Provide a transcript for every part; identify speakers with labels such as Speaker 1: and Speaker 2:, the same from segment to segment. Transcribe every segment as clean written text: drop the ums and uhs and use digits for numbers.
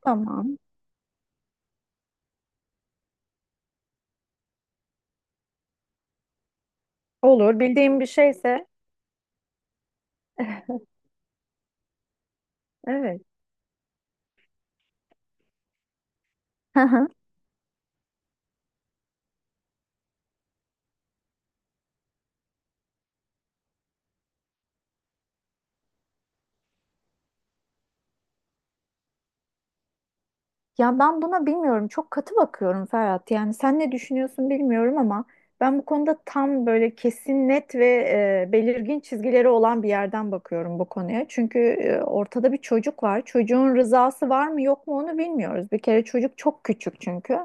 Speaker 1: Tamam. Olur. E, Evet. Hı hı. Ya ben buna bilmiyorum. Çok katı bakıyorum Ferhat. Yani sen ne düşünüyorsun bilmiyorum ama ben bu konuda tam böyle kesin net ve belirgin çizgileri olan bir yerden bakıyorum bu konuya. Çünkü ortada bir çocuk var. Çocuğun rızası var mı yok mu onu bilmiyoruz. Bir kere çocuk çok küçük çünkü.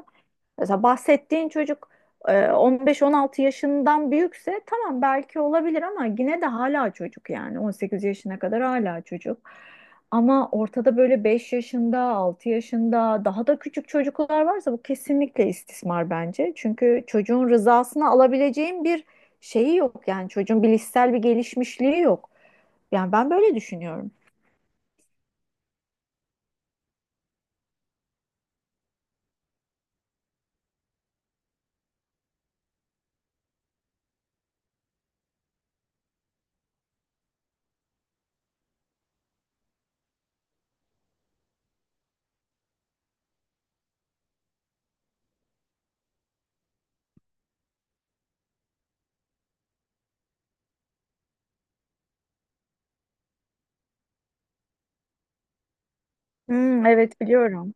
Speaker 1: Mesela bahsettiğin çocuk 15-16 yaşından büyükse tamam belki olabilir ama yine de hala çocuk, yani 18 yaşına kadar hala çocuk. Ama ortada böyle 5 yaşında, 6 yaşında daha da küçük çocuklar varsa bu kesinlikle istismar bence. Çünkü çocuğun rızasını alabileceğin bir şeyi yok, yani çocuğun bilişsel bir gelişmişliği yok. Yani ben böyle düşünüyorum. Hmm, evet, biliyorum.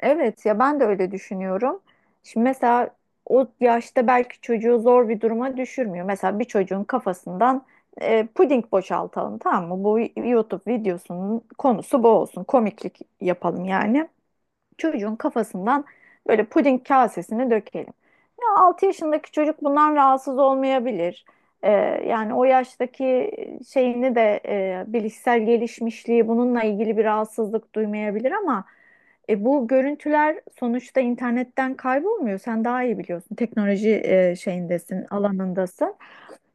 Speaker 1: Evet, ya ben de öyle düşünüyorum. Şimdi mesela o yaşta belki çocuğu zor bir duruma düşürmüyor. Mesela bir çocuğun kafasından puding boşaltalım, tamam mı? Bu YouTube videosunun konusu bu olsun. Komiklik yapalım yani. Çocuğun kafasından böyle puding kasesini dökelim. Ya 6 yaşındaki çocuk bundan rahatsız olmayabilir. Ee, Yani o yaştaki şeyini de, bilişsel gelişmişliği bununla ilgili bir rahatsızlık duymayabilir, ama bu görüntüler sonuçta internetten kaybolmuyor. Sen daha iyi biliyorsun. Teknoloji şeyindesin, alanındasın.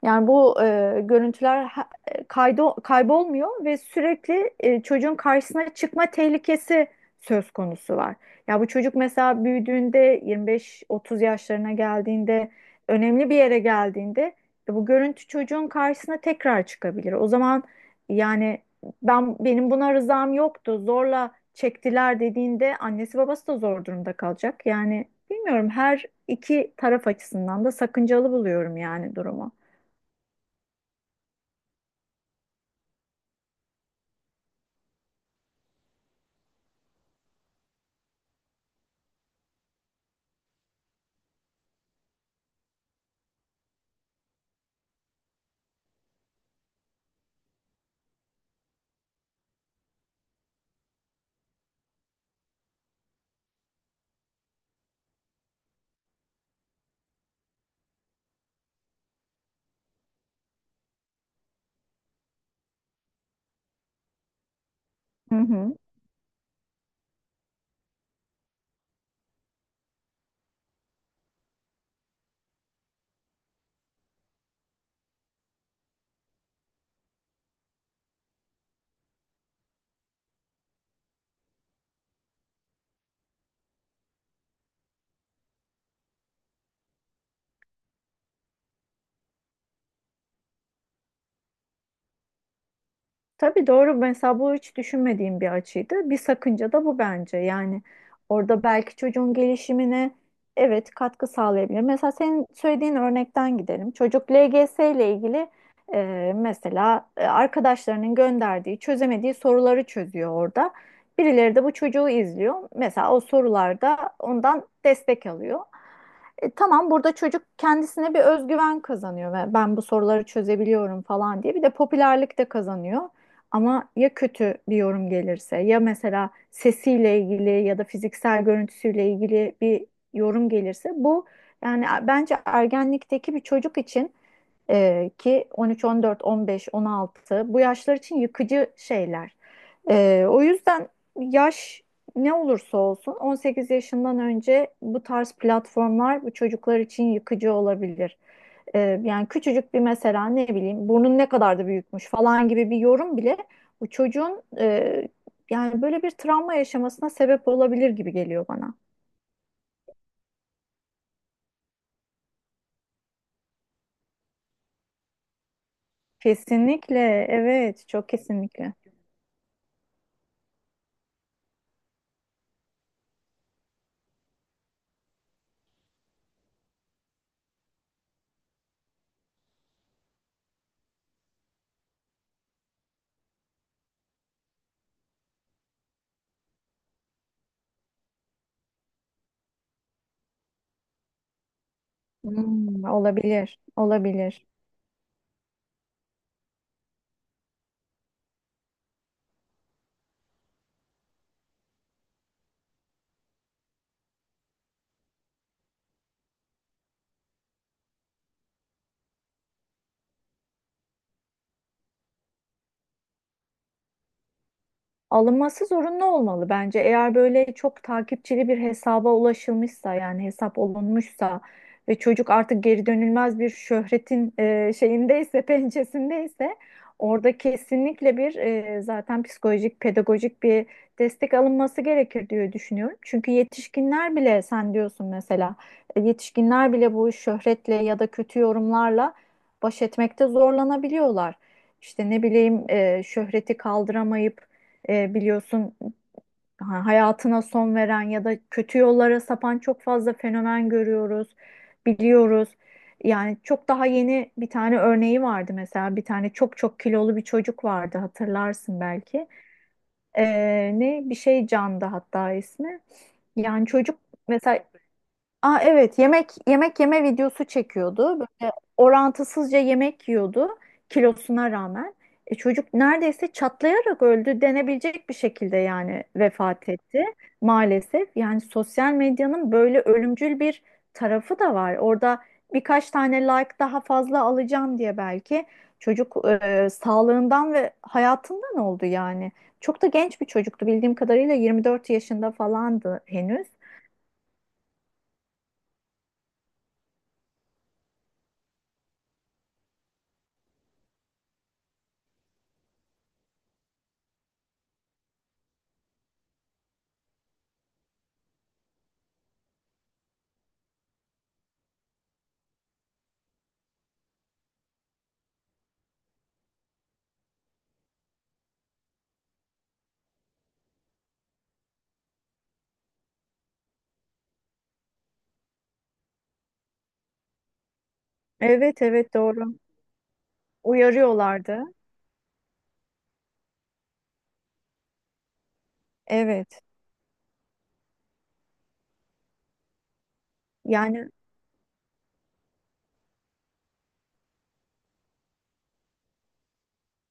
Speaker 1: Yani bu görüntüler kaybolmuyor ve sürekli çocuğun karşısına çıkma tehlikesi söz konusu var. Ya bu çocuk mesela büyüdüğünde 25-30 yaşlarına geldiğinde, önemli bir yere geldiğinde, bu görüntü çocuğun karşısına tekrar çıkabilir. O zaman, yani, ben benim buna rızam yoktu, zorla çektiler dediğinde annesi babası da zor durumda kalacak. Yani bilmiyorum, her iki taraf açısından da sakıncalı buluyorum yani durumu. Hı hı. Tabii, doğru. Mesela bu hiç düşünmediğim bir açıydı. Bir sakınca da bu bence. Yani orada belki çocuğun gelişimine, evet, katkı sağlayabilir. Mesela senin söylediğin örnekten gidelim. Çocuk LGS ile ilgili mesela arkadaşlarının gönderdiği, çözemediği soruları çözüyor orada. Birileri de bu çocuğu izliyor. Mesela o sorularda ondan destek alıyor. Tamam, burada çocuk kendisine bir özgüven kazanıyor ve ben bu soruları çözebiliyorum falan diye bir de popülerlik de kazanıyor. Ama ya kötü bir yorum gelirse, ya mesela sesiyle ilgili ya da fiziksel görüntüsüyle ilgili bir yorum gelirse bu, yani bence ergenlikteki bir çocuk için, ki 13, 14, 15, 16, bu yaşlar için yıkıcı şeyler. O yüzden yaş ne olursa olsun, 18 yaşından önce bu tarz platformlar bu çocuklar için yıkıcı olabilir. Yani küçücük bir, mesela ne bileyim, burnun ne kadar da büyükmüş falan gibi bir yorum bile bu çocuğun, yani böyle bir travma yaşamasına sebep olabilir gibi geliyor bana. Kesinlikle, evet, çok kesinlikle. Olabilir, olabilir. Alınması zorunlu olmalı bence. Eğer böyle çok takipçili bir hesaba ulaşılmışsa, yani hesap olunmuşsa ve çocuk artık geri dönülmez bir şöhretin şeyindeyse, pençesindeyse, orada kesinlikle bir, zaten psikolojik, pedagojik bir destek alınması gerekir diye düşünüyorum. Çünkü yetişkinler bile, sen diyorsun mesela, yetişkinler bile bu şöhretle ya da kötü yorumlarla baş etmekte zorlanabiliyorlar. İşte ne bileyim, şöhreti kaldıramayıp, biliyorsun, hayatına son veren ya da kötü yollara sapan çok fazla fenomen görüyoruz, biliyoruz. Yani çok daha yeni bir tane örneği vardı. Mesela bir tane çok çok kilolu bir çocuk vardı, hatırlarsın belki. E, Ne bir şey Can'dı hatta ismi. Yani çocuk mesela. Aa, evet, yemek yeme videosu çekiyordu. Böyle orantısızca yemek yiyordu kilosuna rağmen. Çocuk neredeyse çatlayarak öldü denebilecek bir şekilde, yani vefat etti maalesef. Yani sosyal medyanın böyle ölümcül bir tarafı da var. Orada birkaç tane like daha fazla alacağım diye belki çocuk, sağlığından ve hayatından oldu yani. Çok da genç bir çocuktu, bildiğim kadarıyla 24 yaşında falandı henüz. Evet, evet, doğru. Uyarıyorlardı. Evet. Yani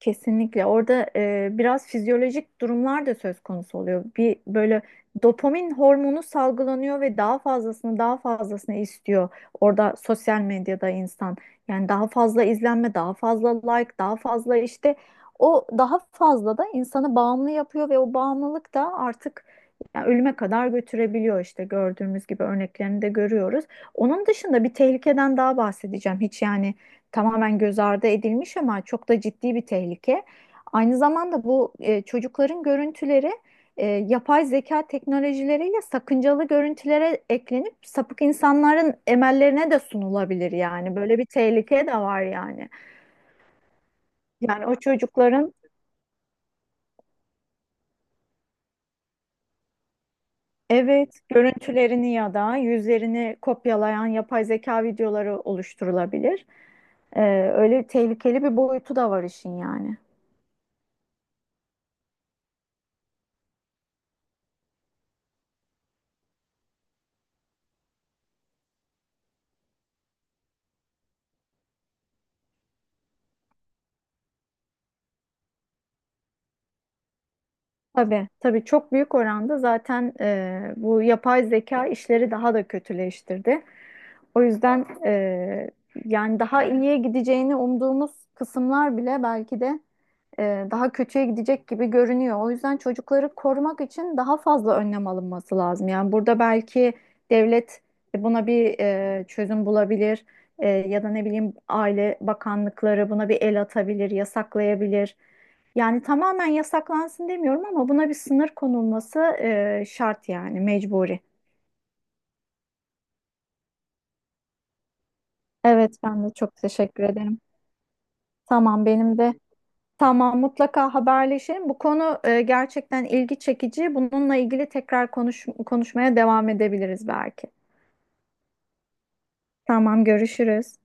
Speaker 1: kesinlikle orada, biraz fizyolojik durumlar da söz konusu oluyor. Bir böyle dopamin hormonu salgılanıyor ve daha fazlasını daha fazlasını istiyor. Orada sosyal medyada insan, yani daha fazla izlenme, daha fazla like, daha fazla işte, o daha fazla da insanı bağımlı yapıyor ve o bağımlılık da artık, yani ölüme kadar götürebiliyor, işte gördüğümüz gibi örneklerini de görüyoruz. Onun dışında bir tehlikeden daha bahsedeceğim. Hiç, yani, tamamen göz ardı edilmiş ama çok da ciddi bir tehlike. Aynı zamanda bu, çocukların görüntüleri yapay zeka teknolojileriyle sakıncalı görüntülere eklenip sapık insanların emellerine de sunulabilir yani. Böyle bir tehlike de var yani. Yani o çocukların, evet, görüntülerini ya da yüzlerini kopyalayan yapay zeka videoları oluşturulabilir. E, Öyle tehlikeli bir boyutu da var işin yani. Tabii, tabii, çok büyük oranda zaten bu yapay zeka işleri daha da kötüleştirdi. O yüzden, yani daha iyiye gideceğini umduğumuz kısımlar bile belki de daha kötüye gidecek gibi görünüyor. O yüzden çocukları korumak için daha fazla önlem alınması lazım. Yani burada belki devlet, buna bir çözüm bulabilir. Ya da ne bileyim, aile bakanlıkları buna bir el atabilir, yasaklayabilir. Yani tamamen yasaklansın demiyorum, ama buna bir sınır konulması, şart yani, mecburi. Evet, ben de çok teşekkür ederim. Tamam, benim de. Tamam, mutlaka haberleşelim. Bu konu gerçekten ilgi çekici. Bununla ilgili tekrar konuşmaya devam edebiliriz belki. Tamam, görüşürüz.